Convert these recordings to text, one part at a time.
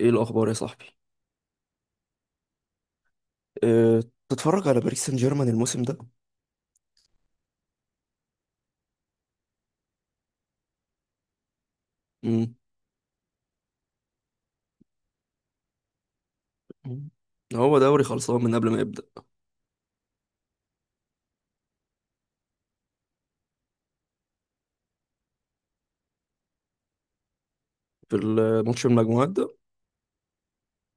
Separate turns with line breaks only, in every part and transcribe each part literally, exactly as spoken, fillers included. ايه الاخبار يا صاحبي؟ أه. تتفرج على باريس سان جيرمان الموسم ده؟ امم هو دوري خلصان من قبل ما يبدا. في الماتش المجموعات ده؟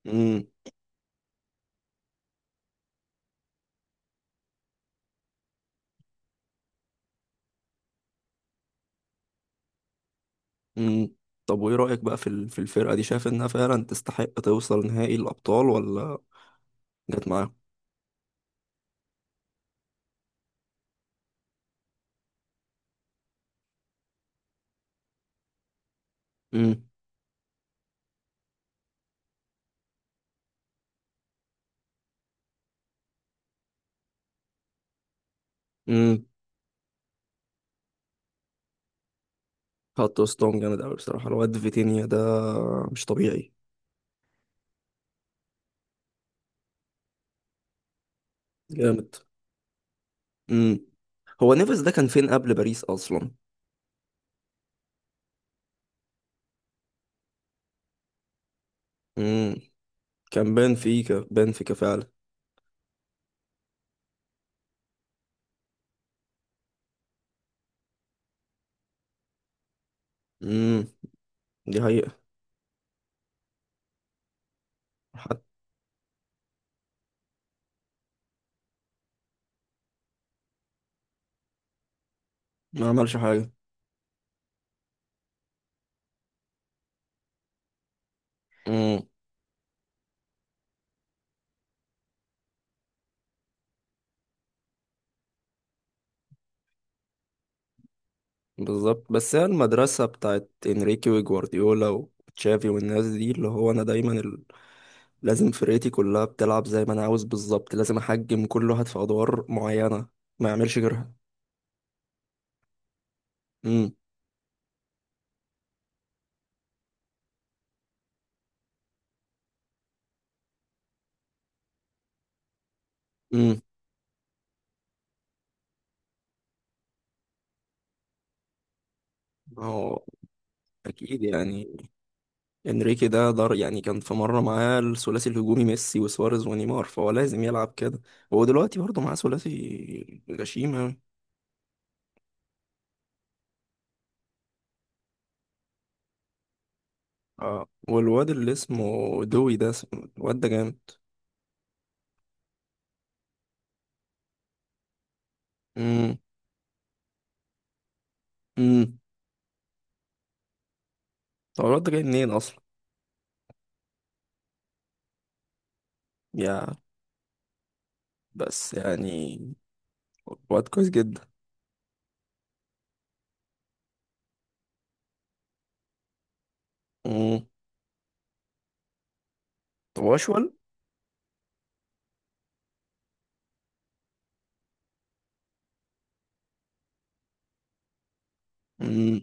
امم امم طب وايه رايك بقى في ال- في الفرقه دي؟ شايف انها فعلا تستحق توصل نهائي الابطال ولا جت معاهم؟ امم امم حط وسطهم جامد قوي بصراحه، الواد فيتينيا ده مش طبيعي. جامد. امم هو نيفز ده كان فين قبل باريس اصلا؟ امم كان بان فيكا، بان فيكا فعلا. امم دي حقيقه. حتى ما عملش حاجه. امم بالظبط. بس هي المدرسة بتاعت انريكي وجوارديولا وتشافي والناس دي، اللي هو انا دايما ال... لازم فرقتي كلها بتلعب زي ما انا عاوز، بالظبط، لازم احجم كل واحد في ادوار معينة، ما يعملش غيرها. امم امم هو اكيد يعني انريكي ده دار. يعني كان في مرة معاه الثلاثي الهجومي ميسي وسواريز ونيمار، فهو لازم يلعب كده. هو دلوقتي برضه معاه ثلاثي غشيم أوي. اه، والواد اللي اسمه دوي ده اسمه- الواد ده جامد. امم هو الواد ده جاي منين اصلا؟ يا بس يعني الواد كويس جدا. امم هو اشول. امم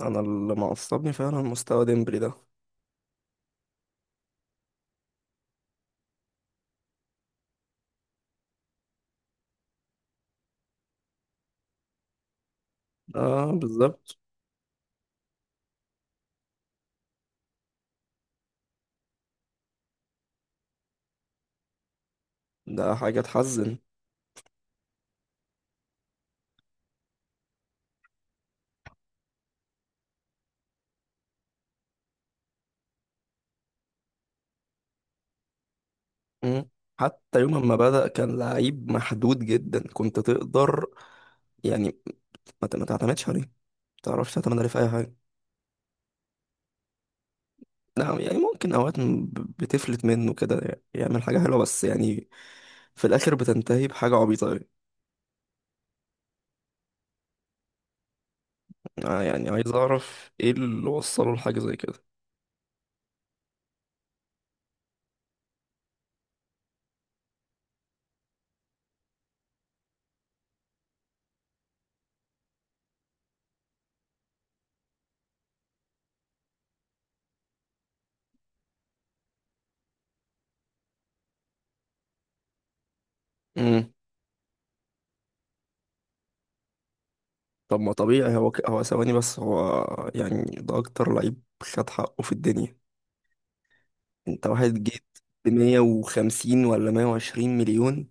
انا اللي معصبني فعلا مستوى ديمبلي ده. اه بالظبط. ده حاجه تحزن. امم حتى يوم ما بدأ كان لعيب محدود جدا، كنت تقدر يعني ما ت- ما تعتمدش عليه، ما تعرفش تعتمد عليه في اي حاجه. لا يعني ممكن اوقات م- بتفلت منه كده يعمل حاجه حلوه، بس يعني في الاخر بتنتهي بحاجه عبيطه أوي. آه، يعني عايز اعرف ايه اللي وصله لحاجه زي كده. امم طب ما طبيعي هو ك... هو ثواني بس. هو يعني ده اكتر لعيب خد حقه في الدنيا. انت واحد جيت ب مية وخمسين ولا مية وعشرين مليون،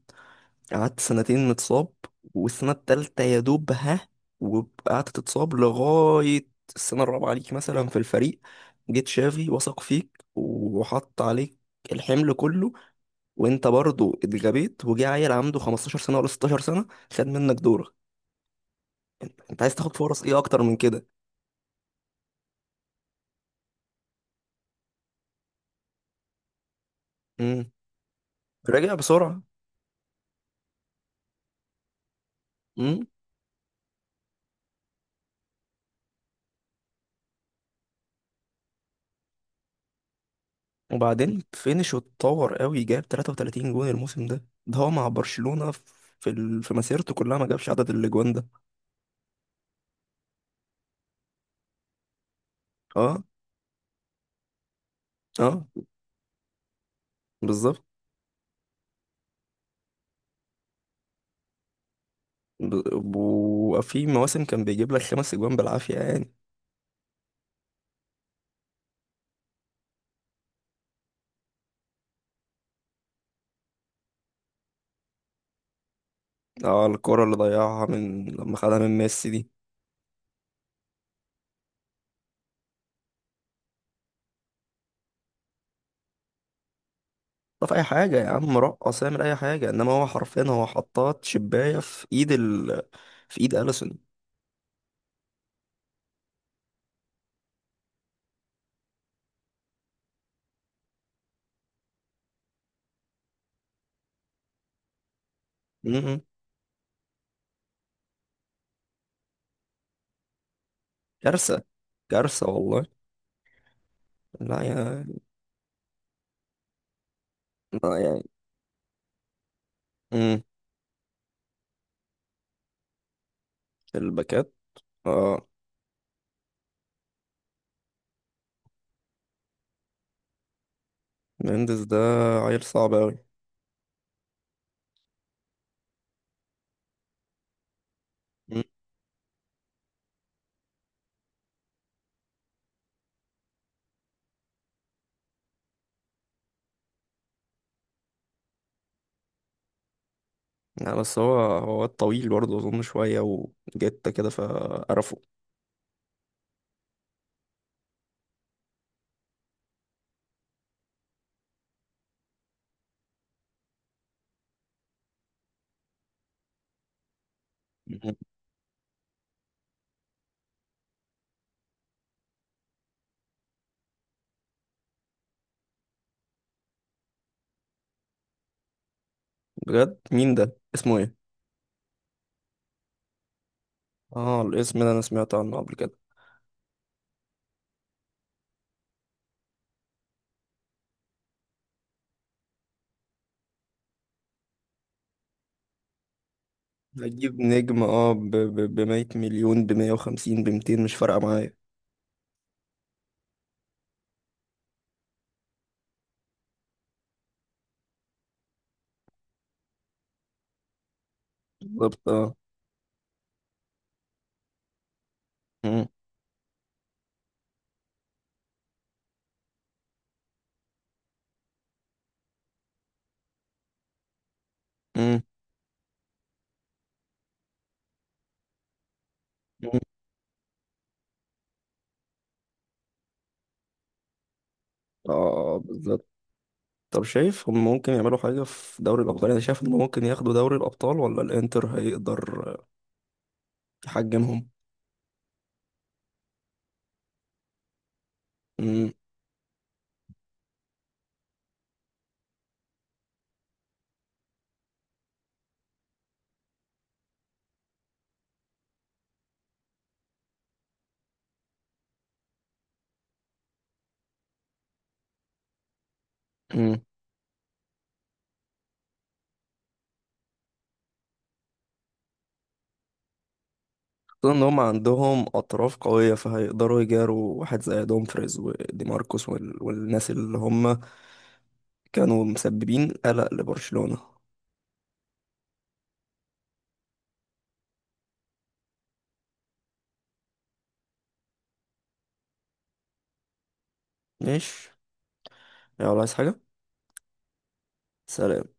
قعدت سنتين متصاب، والسنة التالتة يا دوب ها، وقعدت تتصاب لغاية السنة الرابعة ليك مثلا في الفريق. جيت شافي وثق فيك وحط عليك الحمل كله، وانت برضو اتغبيت، وجه عيل عنده 15 سنة ولا 16 سنة خد منك دورك. انت عايز تاخد فرص ايه اكتر من كده؟ رجع بسرعة. امم وبعدين فينش واتطور قوي، جاب 33 جون الموسم ده. ده هو مع برشلونة في ال... في مسيرته كلها ما جابش عدد الاجوان ده. اه. اه بالظبط. ب... وفي مواسم كان بيجيب لك خمس اجوان بالعافية يعني. اه، الكرة اللي ضيعها من لما خدها من ميسي دي. طب اي حاجة يا عم، رقص، اعمل اي حاجة، انما هو حرفيا هو حطات شباية في ايد ال... في ايد اليسون. امم كارثة. كارثة والله. لا يا. لا يعني الباكات. اه، مندز ده عيل صعب أوي. مم. يعني بس هو هو واد طويل برضه، أظن شوية وجته كده فقرفه. مم. بجد مين ده، اسمه ايه؟ اه، الاسم ده أنا سمعت عنه قبل كده. هجيب نجم اه ب ب- بمية مليون، بمية وخمسين، بمتين، مش فارقة معايا. بالظبط اه. مم. مم. مم. اه بالظبط. طب شايف هم ممكن يعملوا حاجة في دوري الأبطال؟ أنا شايف إن ممكن ياخدوا دوري الأبطال، ولا الإنتر هيقدر يحجمهم؟ مم. خصوصا ان هم عندهم اطراف قويه، فهيقدروا يجاروا واحد زي دومفريز ودي ماركوس وال... والناس اللي هم كانوا مسببين قلق لبرشلونه. ماشي. يلا، عايز حاجه؟ سلام.